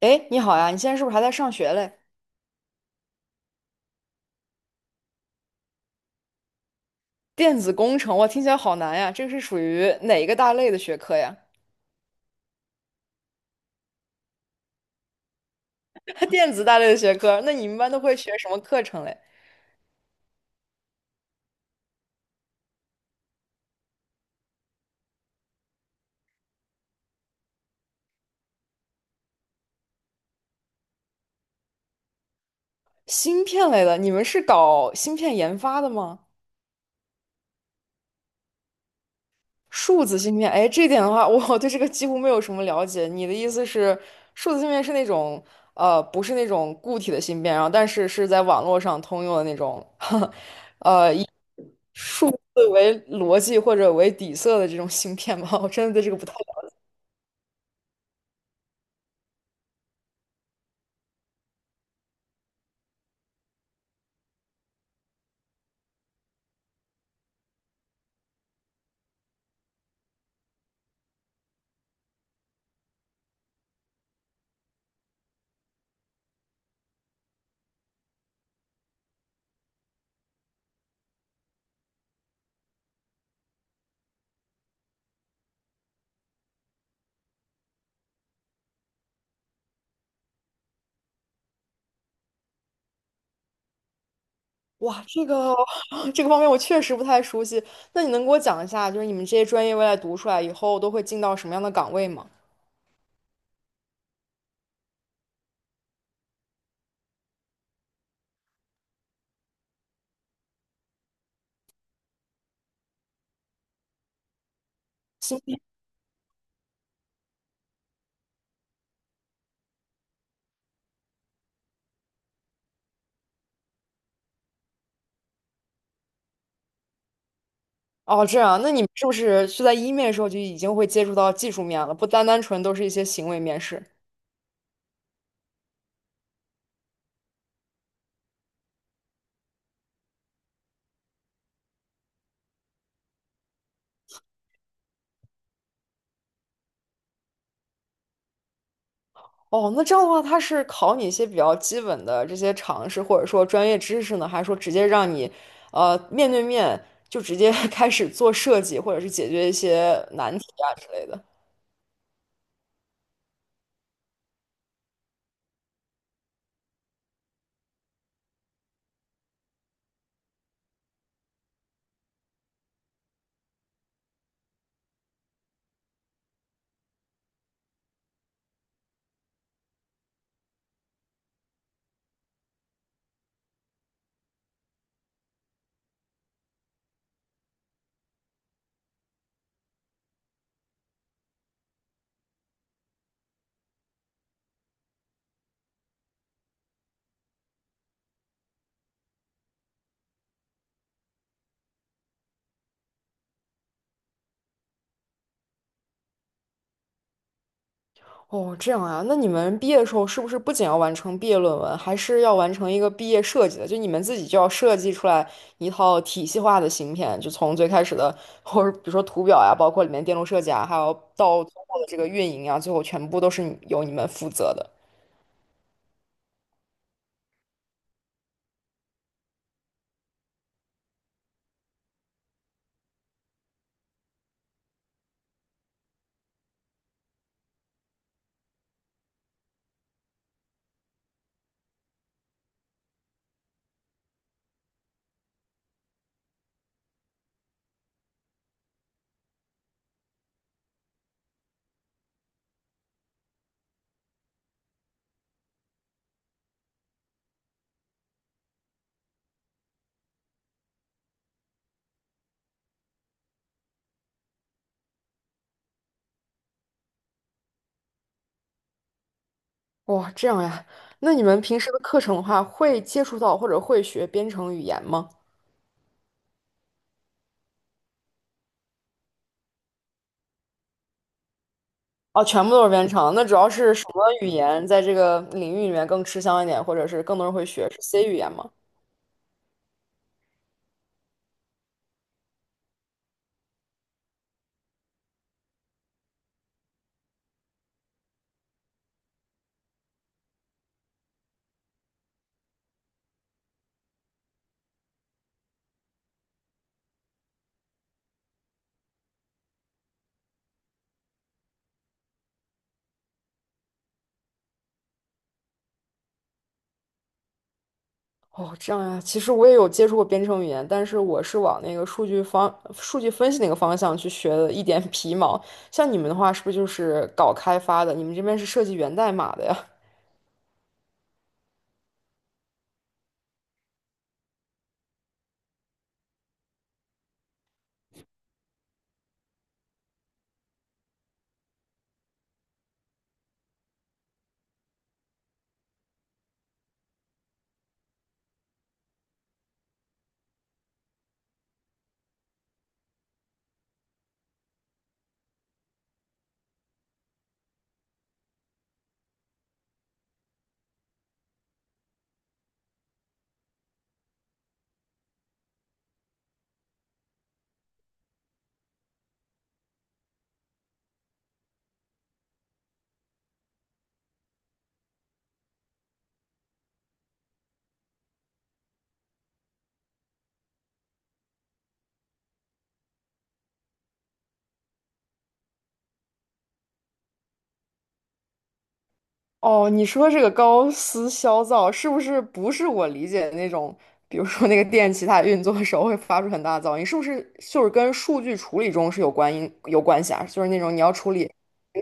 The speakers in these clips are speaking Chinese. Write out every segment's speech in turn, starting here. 哎，你好呀，你现在是不是还在上学嘞？电子工程，哇，听起来好难呀，这个是属于哪一个大类的学科呀？电子大类的学科，那你们班都会学什么课程嘞？芯片类的，你们是搞芯片研发的吗？数字芯片，哎，这一点的话，我对这个几乎没有什么了解。你的意思是，数字芯片是那种，不是那种固体的芯片，然后但是是在网络上通用的那种，数字为逻辑或者为底色的这种芯片吗？我真的对这个不太。哇，这个 这个方面我确实不太熟悉。那你能给我讲一下，就是你们这些专业未来读出来以后都会进到什么样的岗位吗？芯片哦，这样，那你们是不是是在一面的时候就已经会接触到技术面了，不单单纯都是一些行为面试？哦，那这样的话，他是考你一些比较基本的这些常识，或者说专业知识呢，还是说直接让你，呃，面对面就直接 开始做设计，或者是解决一些难题啊之类的？哦，这样啊，那你们毕业的时候是不是不仅要完成毕业论文，还是要完成一个毕业设计的？就你们自己就要设计出来一套体系化的芯片，就从最开始的，或者比如说图表呀，包括里面电路设计啊，还有到最后的这个运营呀，最后全部都是你由你们负责的。哇、这样呀，那你们平时的课程的话，会接触到或者会学编程语言吗？哦，全部都是编程，那主要是什么语言在这个领域里面更吃香一点，或者是更多人会学，是 C 语言吗？哦，这样呀，其实我也有接触过编程语言，但是我是往那个数据方、数据分析那个方向去学的，一点 皮毛。像你们的话，是不是就是搞开发的？你们这边是设计源代码的呀？哦，你说这个高斯消噪，是不是不是我理解的那种？比如说那个电器它运作的时候会发出很大的噪音，是不是就是跟数据处理中是有关因有关系啊？就是那种你要处理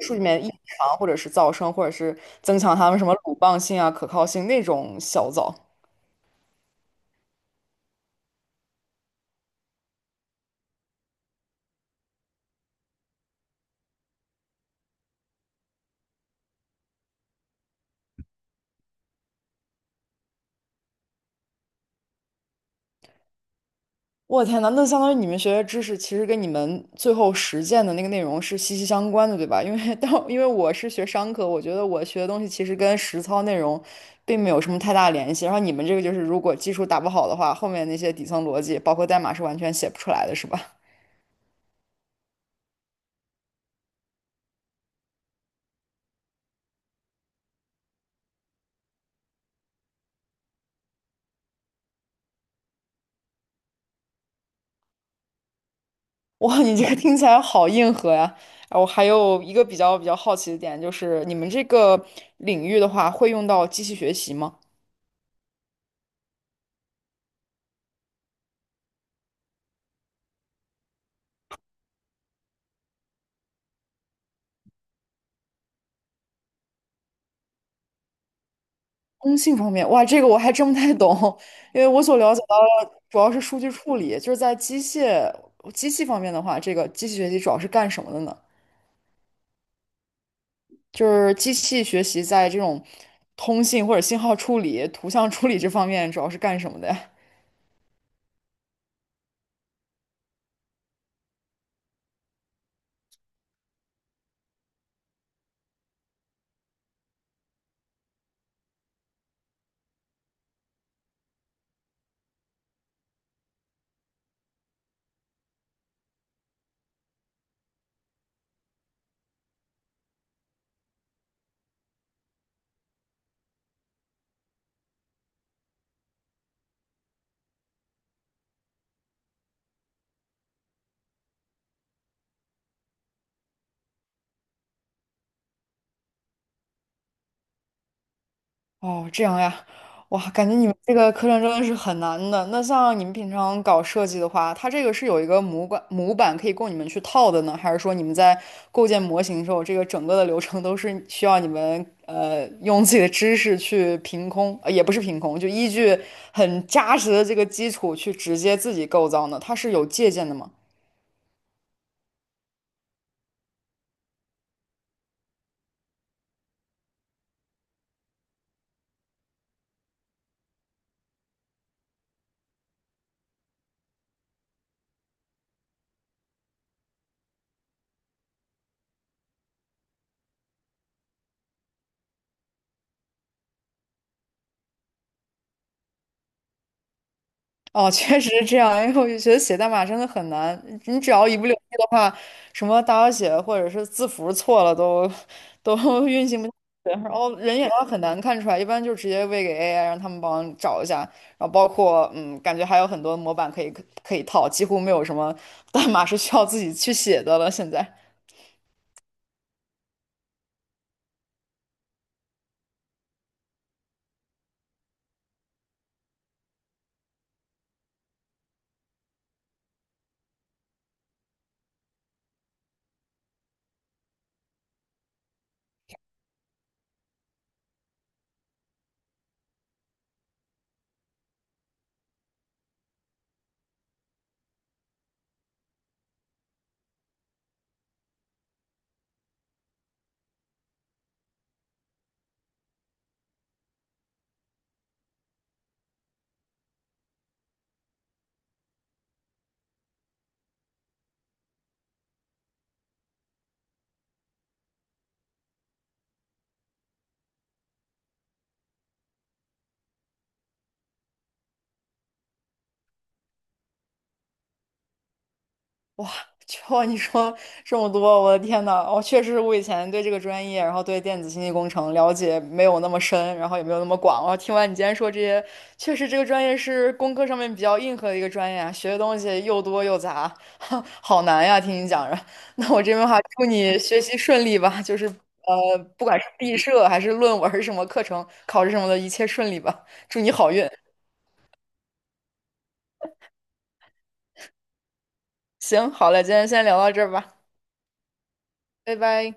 数据里面异常，或者是噪声，或者是增强它们什么鲁棒性啊、可靠性那种小噪。我天呐，那相当于你们学的知识其实跟你们最后实践的那个内容是息息相关的，对吧？因为当因为我是学商科，我觉得我学的东西其实跟实操内容并没有什么太大联系。然后你们这个就是，如果基础打不好的话，后面那些底层逻辑，包括代码是完全写不出来的，是吧？哇，你这个听起来好硬核呀！啊我还有一个比较好奇的点，就是你们这个领域的话，会用到机器学习吗？通信方面，哇，这个我还真不太懂，因为我所了解到的主要是数据处理，就是在机械机器方面的话，这个机器学习主要是干什么的呢？就是机器学习在这种通信或者信号处理、图像处理这方面主要是干什么的呀？哦，这样呀，哇，感觉你们这个课程真的是很难的。那像你们平常搞设计的话，它这个是有一个模板可以供你们去套的呢，还是说你们在构建模型的时候，这个整个的流程都是需要你们用自己的知识去凭空，呃，也不是凭空，就依据很扎实的这个基础去直接自己构造呢？它是有借鉴的吗？哦，确实是这样，因为我就觉得写代码真的很难。你只要一不留意的话，什么大小写或者是字符错了都 运行不下来。然人眼上很难看出来，一般就直接喂给 AI，让他们帮你找一下。然后包括嗯，感觉还有很多模板可以套，几乎没有什么代码是需要自己去写的了。现在，就 你说这么多，我的天呐，我确实我以前对这个专业，然后对电子信息工程了解没有那么深，然后也没有那么广。我听完你今天说这些，确实这个专业是工科上面比较硬核的一个专业啊，学的东西又多又杂，好难呀！听你讲着，那我这边的话，祝你学习顺利吧，就是不管是毕设还是论文儿什么课程、考试什么的，一切顺利吧，祝你好运。行，好嘞，今天先聊到这儿吧，拜拜。